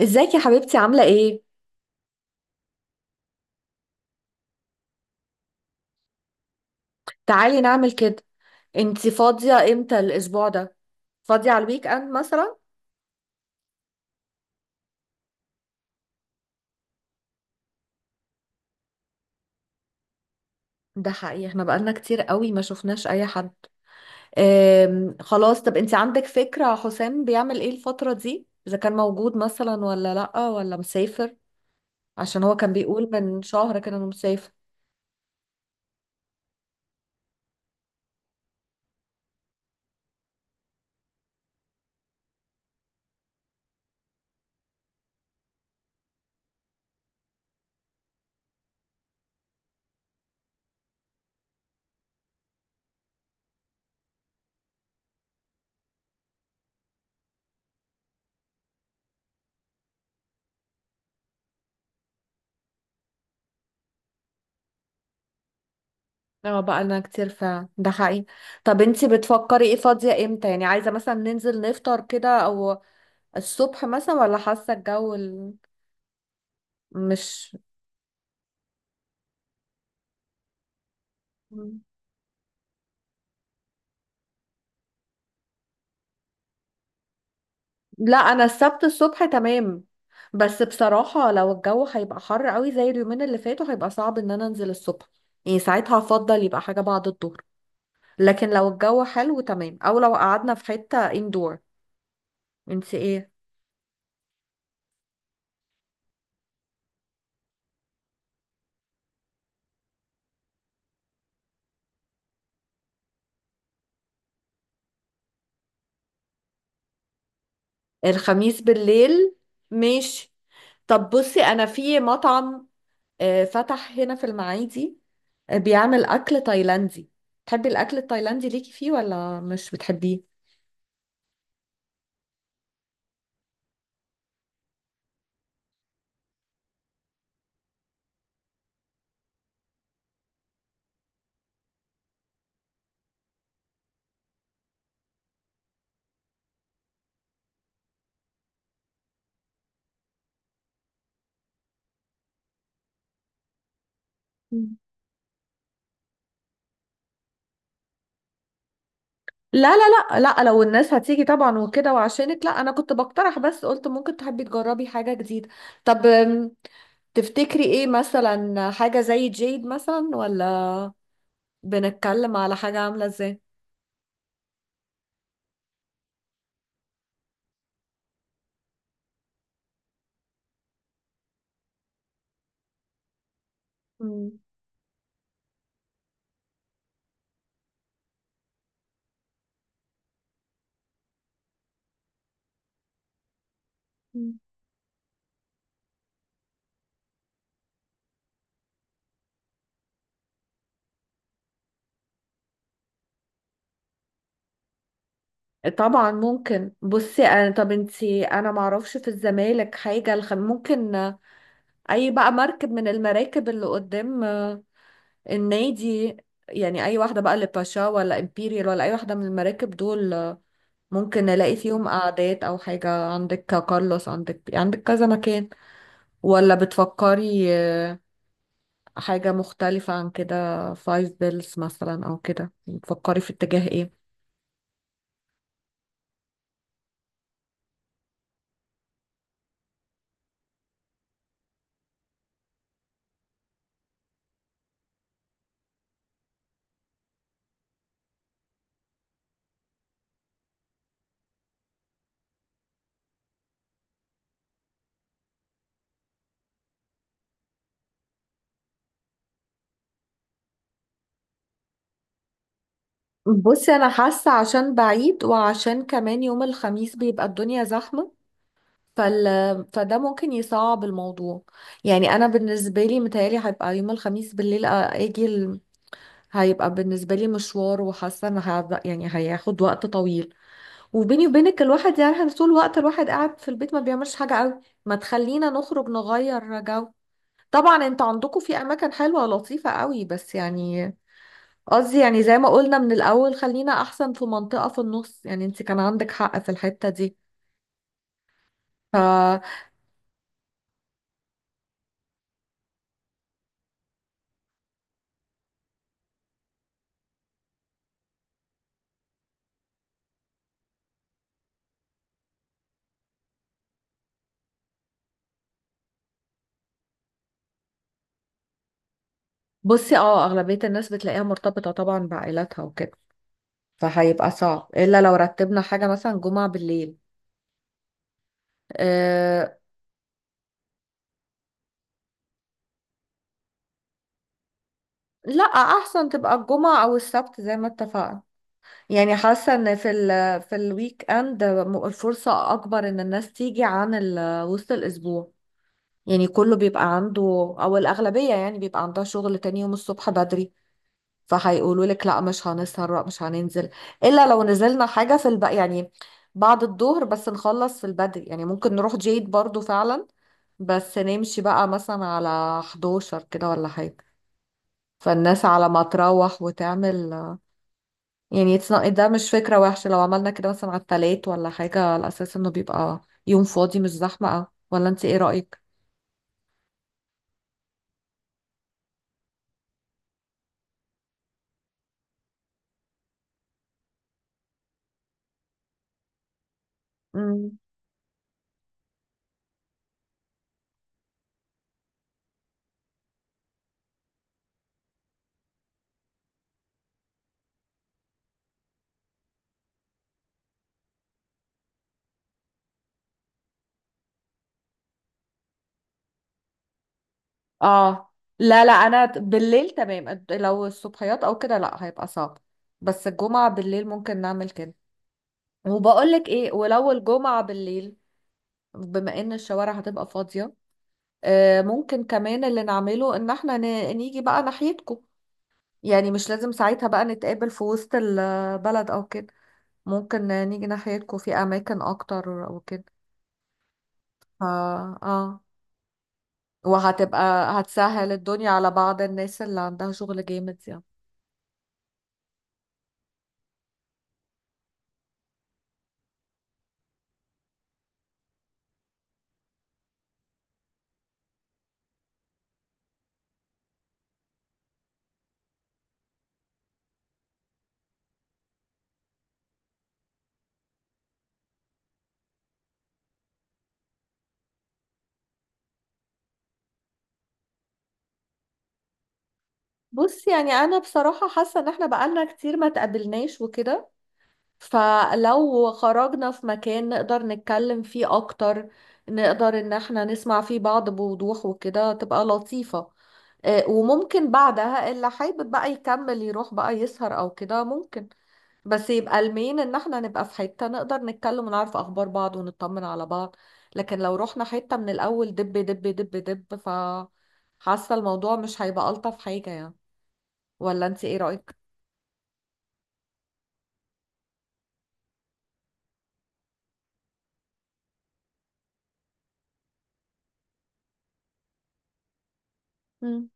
ازيك يا حبيبتي؟ عاملة ايه؟ تعالي نعمل كده. انتي فاضية امتى الاسبوع ده؟ فاضية على الويك اند مثلا؟ ده حقيقي احنا بقالنا كتير قوي ما شفناش اي حد. خلاص، طب انتي عندك فكرة حسام بيعمل ايه الفترة دي؟ اذا كان موجود مثلا ولا لأ ولا مسافر؟ عشان هو كان بيقول من شهر كده انه مسافر. اه بقالنا كتير فعلا، ده حقيقي. طب انتي بتفكري ايه، فاضية امتى؟ يعني عايزة مثلا ننزل نفطر كده او الصبح مثلا، ولا حاسة الجو مش؟ مم. لا انا السبت الصبح تمام. بس بصراحة لو الجو هيبقى حر قوي زي اليومين اللي فاتوا هيبقى صعب ان انا انزل الصبح. يعني ساعتها هفضل يبقى حاجة بعد الظهر. لكن لو الجو حلو تمام او لو قعدنا في حتة اندور. انت ايه؟ الخميس بالليل، ماشي. طب بصي، انا في مطعم فتح هنا في المعادي، بيعمل اكل تايلاندي. تحبي الاكل التايلاندي ليكي فيه ولا مش بتحبيه؟ لا لا، لا لا لو الناس هتيجي طبعا وكده وعشانك، لا انا كنت بقترح بس قلت ممكن تحبي تجربي حاجة جديدة. طب تفتكري ايه مثلا؟ حاجة زي جيد مثلا، ولا بنتكلم على حاجة عاملة ازاي؟ مم. مم. طبعا ممكن. بصي انا، طب انتي، انا معرفش في الزمالك حاجة. ممكن اي بقى مركب من المراكب اللي قدام النادي، يعني اي واحدة بقى، اللي باشا ولا امبيريال ولا اي واحدة من المراكب دول. ممكن نلاقي فيهم قعدات او حاجة، عندك كارلوس، عندك كذا مكان. ولا بتفكري حاجة مختلفة عن كده؟ فايف بيلز مثلا او كده؟ بتفكري في اتجاه ايه؟ بصي انا حاسة عشان بعيد وعشان كمان يوم الخميس بيبقى الدنيا زحمة، فال... فده ممكن يصعب الموضوع. يعني انا بالنسبة لي متهيألي هيبقى يوم الخميس بالليل، اجي هيبقى بالنسبة لي مشوار، وحاسة ان يعني هياخد وقت طويل. وبيني وبينك الواحد يعني طول الوقت الواحد قاعد في البيت ما بيعملش حاجة قوي، ما تخلينا نخرج نغير جو. طبعا انت عندكم في اماكن حلوة ولطيفة قوي، بس يعني قصدي يعني زي ما قلنا من الاول، خلينا احسن في منطقة في النص، يعني انت كان عندك حق في الحتة دي. فبصي، اه اغلبية الناس بتلاقيها مرتبطة طبعا بعائلاتها وكده، فهيبقى صعب الا لو رتبنا حاجة مثلا جمعة بالليل. أه، لا احسن تبقى الجمعة او السبت زي ما اتفقنا. يعني حاسة ان في الويك اند الفرصة اكبر ان الناس تيجي عن وسط الاسبوع. يعني كله بيبقى عنده، او الاغلبية يعني بيبقى عندها شغل تاني يوم الصبح بدري، فهيقولوا لك لا مش هنسهر، لا مش هننزل. الا لو نزلنا حاجة في يعني بعد الظهر، بس نخلص في البدري. يعني ممكن نروح جيد برضو فعلا، بس نمشي بقى مثلا على 11 كده ولا حاجة، فالناس على ما تروح وتعمل. يعني it's not- ده مش فكرة وحشة لو عملنا كده مثلا على التلات ولا حاجة، على أساس إنه بيبقى يوم فاضي مش زحمة أوي. ولا أنت إيه رأيك؟ مم. آه لا لا، أنا بالليل تمام. لو الصبحيات أو كده لا، هيبقى صعب. بس الجمعة بالليل ممكن نعمل كده. وبقولك إيه، ولو الجمعة بالليل، بما إن الشوارع هتبقى فاضية، آه ممكن كمان اللي نعمله إن إحنا نيجي بقى ناحيتكم. يعني مش لازم ساعتها بقى نتقابل في وسط البلد أو كده، ممكن نيجي ناحيتكم في اماكن اكتر وكده. ف اه، وهتبقى هتسهل الدنيا على بعض الناس اللي عندها شغل جامد يعني. بص، يعني انا بصراحة حاسة ان احنا بقالنا كتير ما تقابلناش وكده، فلو خرجنا في مكان نقدر نتكلم فيه اكتر، نقدر ان احنا نسمع فيه بعض بوضوح وكده، تبقى لطيفة. وممكن بعدها اللي حابب بقى يكمل يروح بقى يسهر او كده ممكن، بس يبقى المين ان احنا نبقى في حتة نقدر نتكلم ونعرف اخبار بعض ونطمن على بعض. لكن لو رحنا حتة من الاول دب دب دب دب، ف حاسة الموضوع مش هيبقى الطف حاجة يعني. ولا انت ايه رأيك؟ مم.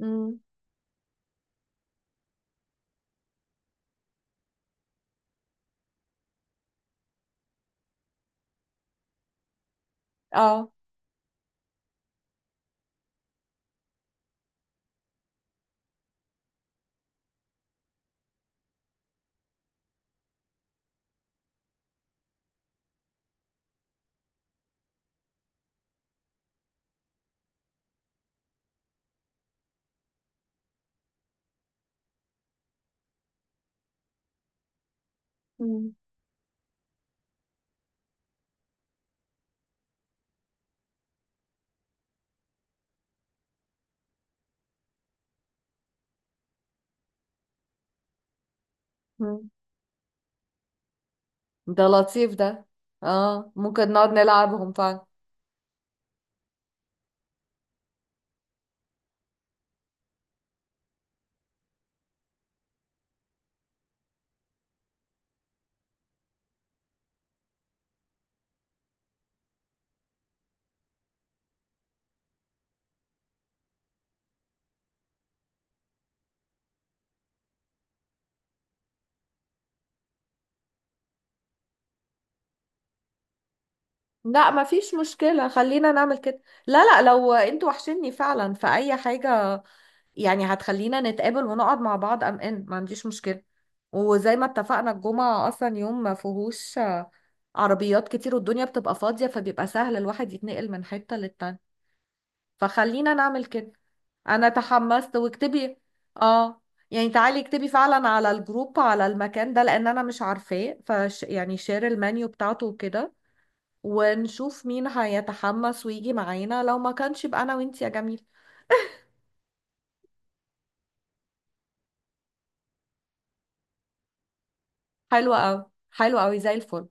امم اه مم. مم. ده لطيف ده. اه ممكن نقعد نلعبهم فعلا. لا مفيش مشكلة، خلينا نعمل كده. لا لا، لو انتوا وحشني فعلا في اي حاجة، يعني هتخلينا نتقابل ونقعد مع بعض، ان ما عنديش مشكلة. وزي ما اتفقنا الجمعة اصلا يوم ما فيهوش عربيات كتير والدنيا بتبقى فاضية، فبيبقى سهل الواحد يتنقل من حتة للتانية، فخلينا نعمل كده. انا تحمست، واكتبي، اه، يعني تعالي اكتبي فعلا على الجروب على المكان ده، لان انا مش عارفاه. فش يعني شير المنيو بتاعته وكده، ونشوف مين هيتحمس ويجي معانا، لو ما كانش يبقى انا وانتي يا جميل. حلوة قوي، حلوة قوي زي الفل.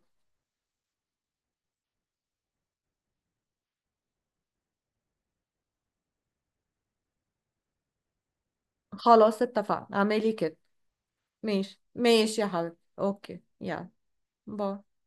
خلاص اتفقنا، اعملي كده. ماشي، ماشي يا حبيبتي، اوكي، يلا، باي.